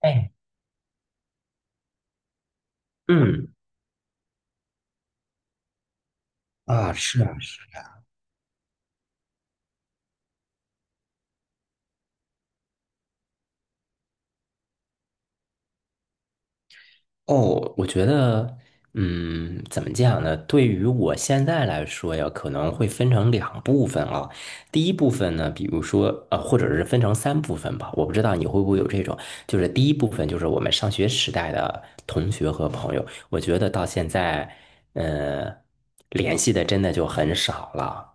哎，嗯。啊，是啊，是啊，哦，我觉得，怎么讲呢？对于我现在来说呀，可能会分成两部分啊。第一部分呢，比如说，或者是分成三部分吧。我不知道你会不会有这种，就是第一部分就是我们上学时代的同学和朋友，我觉得到现在，呃，联系的真的就很少了。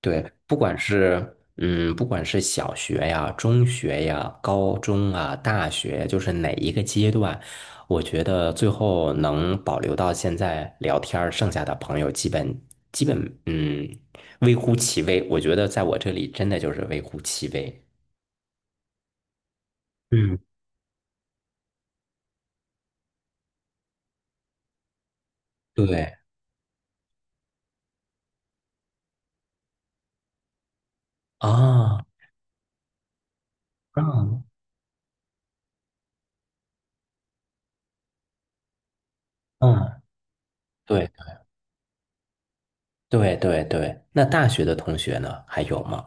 对，不管是小学呀、中学呀、高中啊、大学，就是哪一个阶段，我觉得最后能保留到现在聊天儿剩下的朋友基本微乎其微。我觉得在我这里真的就是微乎其微。嗯，对啊，嗯嗯，对对对对。那大学的同学呢？还有吗？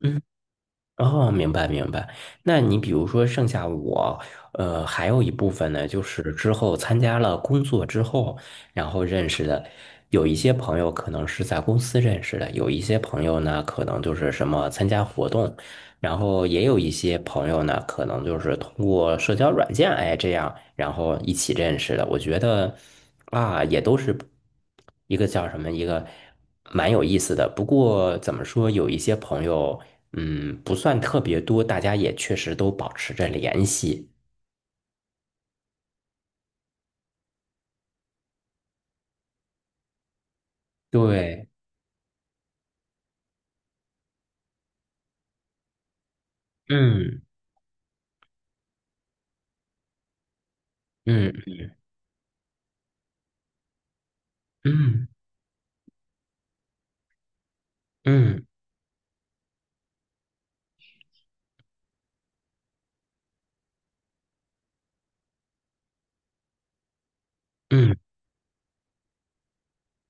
嗯。哦，明白明白。那你比如说，剩下我，还有一部分呢，就是之后参加了工作之后，然后认识的，有一些朋友可能是在公司认识的，有一些朋友呢，可能就是什么参加活动，然后也有一些朋友呢，可能就是通过社交软件，哎，这样，然后一起认识的。我觉得啊，也都是一个叫什么，一个蛮有意思的。不过怎么说，有一些朋友，不算特别多，大家也确实都保持着联系。对，嗯嗯嗯嗯嗯。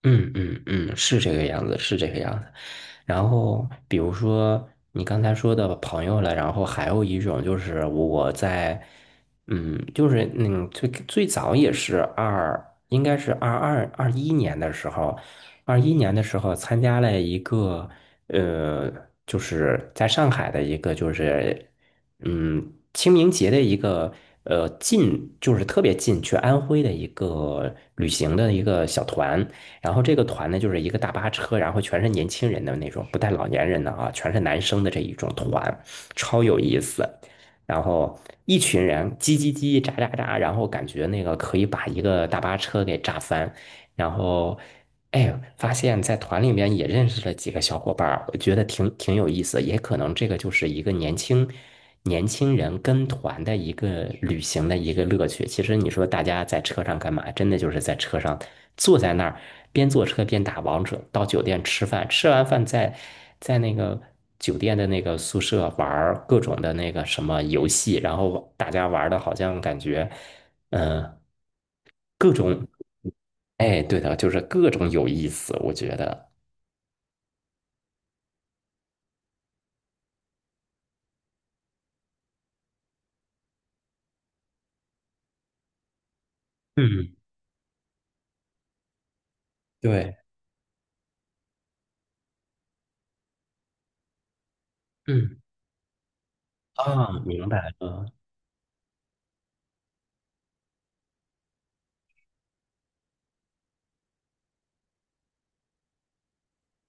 嗯，是这个样子，是这个样子。然后，比如说你刚才说的朋友了，然后还有一种就是我在，就是最最早也是应该是二一年的时候，二一年的时候参加了一个，呃，就是在上海的一个就是，嗯，清明节的一个。近就是特别近，去安徽的一个旅行的一个小团，然后这个团呢，就是一个大巴车，然后全是年轻人的那种，不带老年人的啊，全是男生的这一种团，超有意思。然后一群人叽叽叽、喳喳喳，然后感觉那个可以把一个大巴车给炸翻。然后，哎，发现在团里面也认识了几个小伙伴儿我觉得挺有意思，也可能这个就是一个年轻人跟团的一个旅行的一个乐趣。其实你说大家在车上干嘛？真的就是在车上坐在那儿，边坐车边打王者，到酒店吃饭，吃完饭在那个酒店的那个宿舍玩各种的那个什么游戏，然后大家玩的好像感觉，嗯、各种，哎，对的，就是各种有意思，我觉得，嗯，对，嗯，啊，明白了，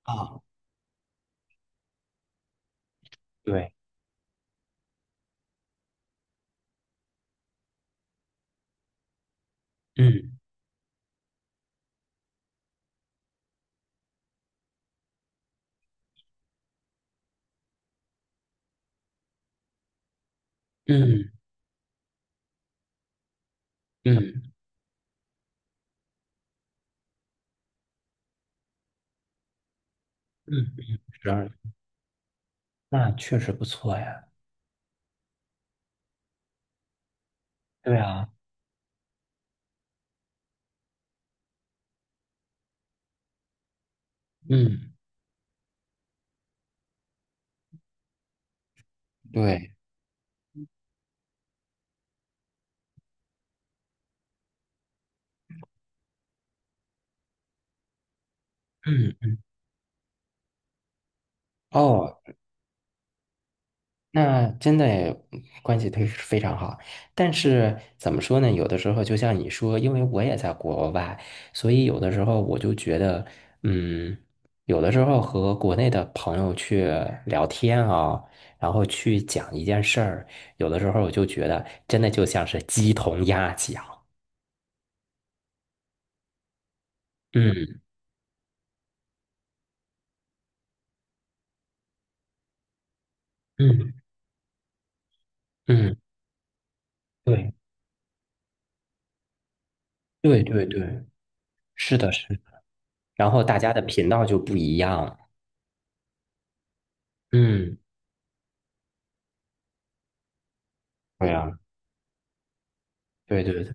啊，对，嗯嗯嗯。嗯嗯，十二，那确实不错呀。对啊，嗯，对，嗯，哦，那真的诶关系非常好。但是怎么说呢？有的时候就像你说，因为我也在国外，所以有的时候我就觉得，嗯，有的时候和国内的朋友去聊天啊，然后去讲一件事儿，有的时候我就觉得真的就像是鸡同鸭讲。嗯嗯，嗯，对对对对。是的，是的，然后大家的频道就不一样。嗯，对呀，对对对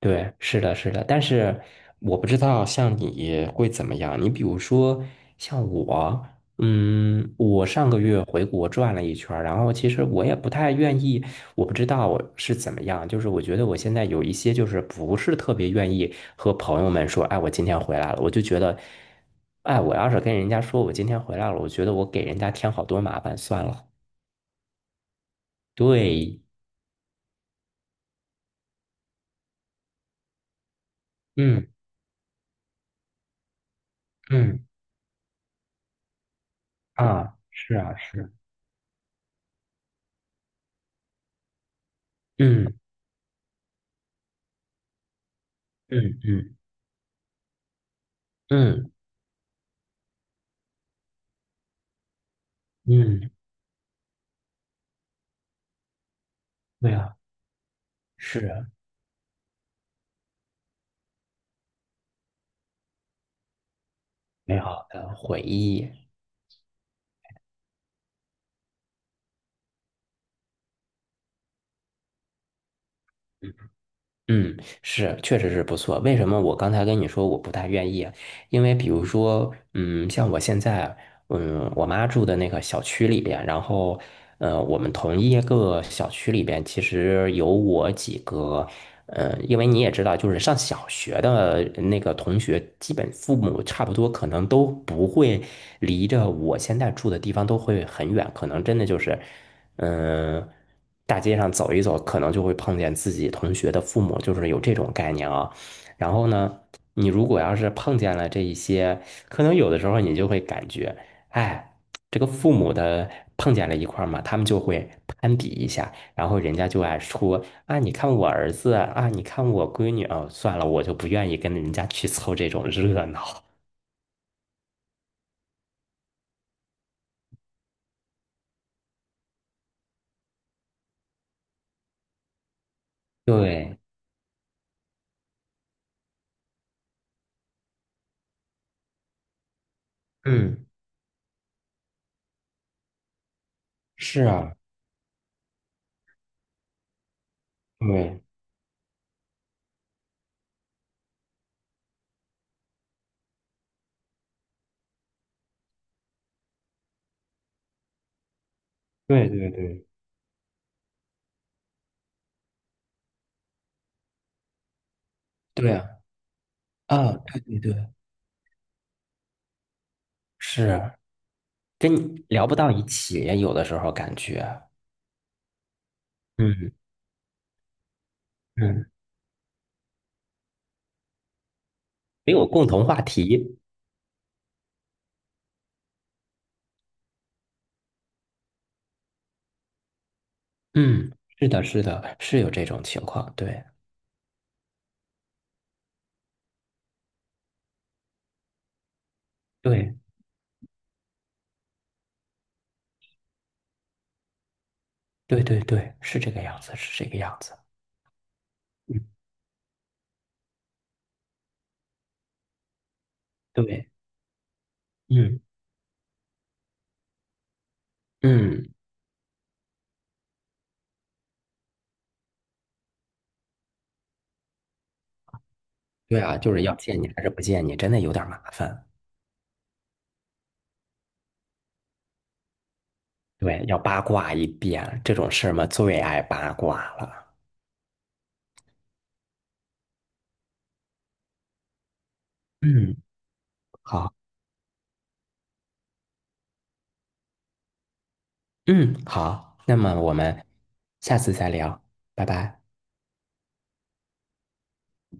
对，是的，是的。但是我不知道像你会怎么样。你比如说像我，我上个月回国转了一圈儿然后其实我也不太愿意，我不知道我是怎么样。就是我觉得我现在有一些就是不是特别愿意和朋友们说，哎，我今天回来了，我就觉得，哎，我要是跟人家说我今天回来了，我觉得我给人家添好多麻烦，算了。对，嗯嗯，啊，是啊是，嗯嗯嗯嗯嗯，美好是美好的回忆。嗯，是确实是不错。为什么我刚才跟你说我不太愿意？因为比如说，像我现在，我妈住的那个小区里边，然后，我们同一个小区里边，其实有我几个，因为你也知道，就是上小学的那个同学，基本父母差不多可能都不会离着我现在住的地方都会很远，可能真的就是，嗯、大街上走一走，可能就会碰见自己同学的父母，就是有这种概念啊。然后呢，你如果要是碰见了这一些，可能有的时候你就会感觉，哎，这个父母的碰见了一块儿嘛，他们就会攀比一下，然后人家就爱说啊，你看我儿子啊，你看我闺女哦，算了，我就不愿意跟人家去凑这种热闹。对，嗯，是啊，对，对对对，对啊，啊，对对对，是跟你聊不到一起，有的时候感觉，嗯嗯，没有共同话题。嗯，是的，是的，是有这种情况，对，对，对，对，对，是这个样子，是这个样子，嗯，对，嗯，嗯，对啊，就是要见你还是不见你，真的有点麻烦，对，要八卦一遍，这种事儿嘛，最爱八卦了，嗯，好，嗯，好，那么我们下次再聊，拜拜。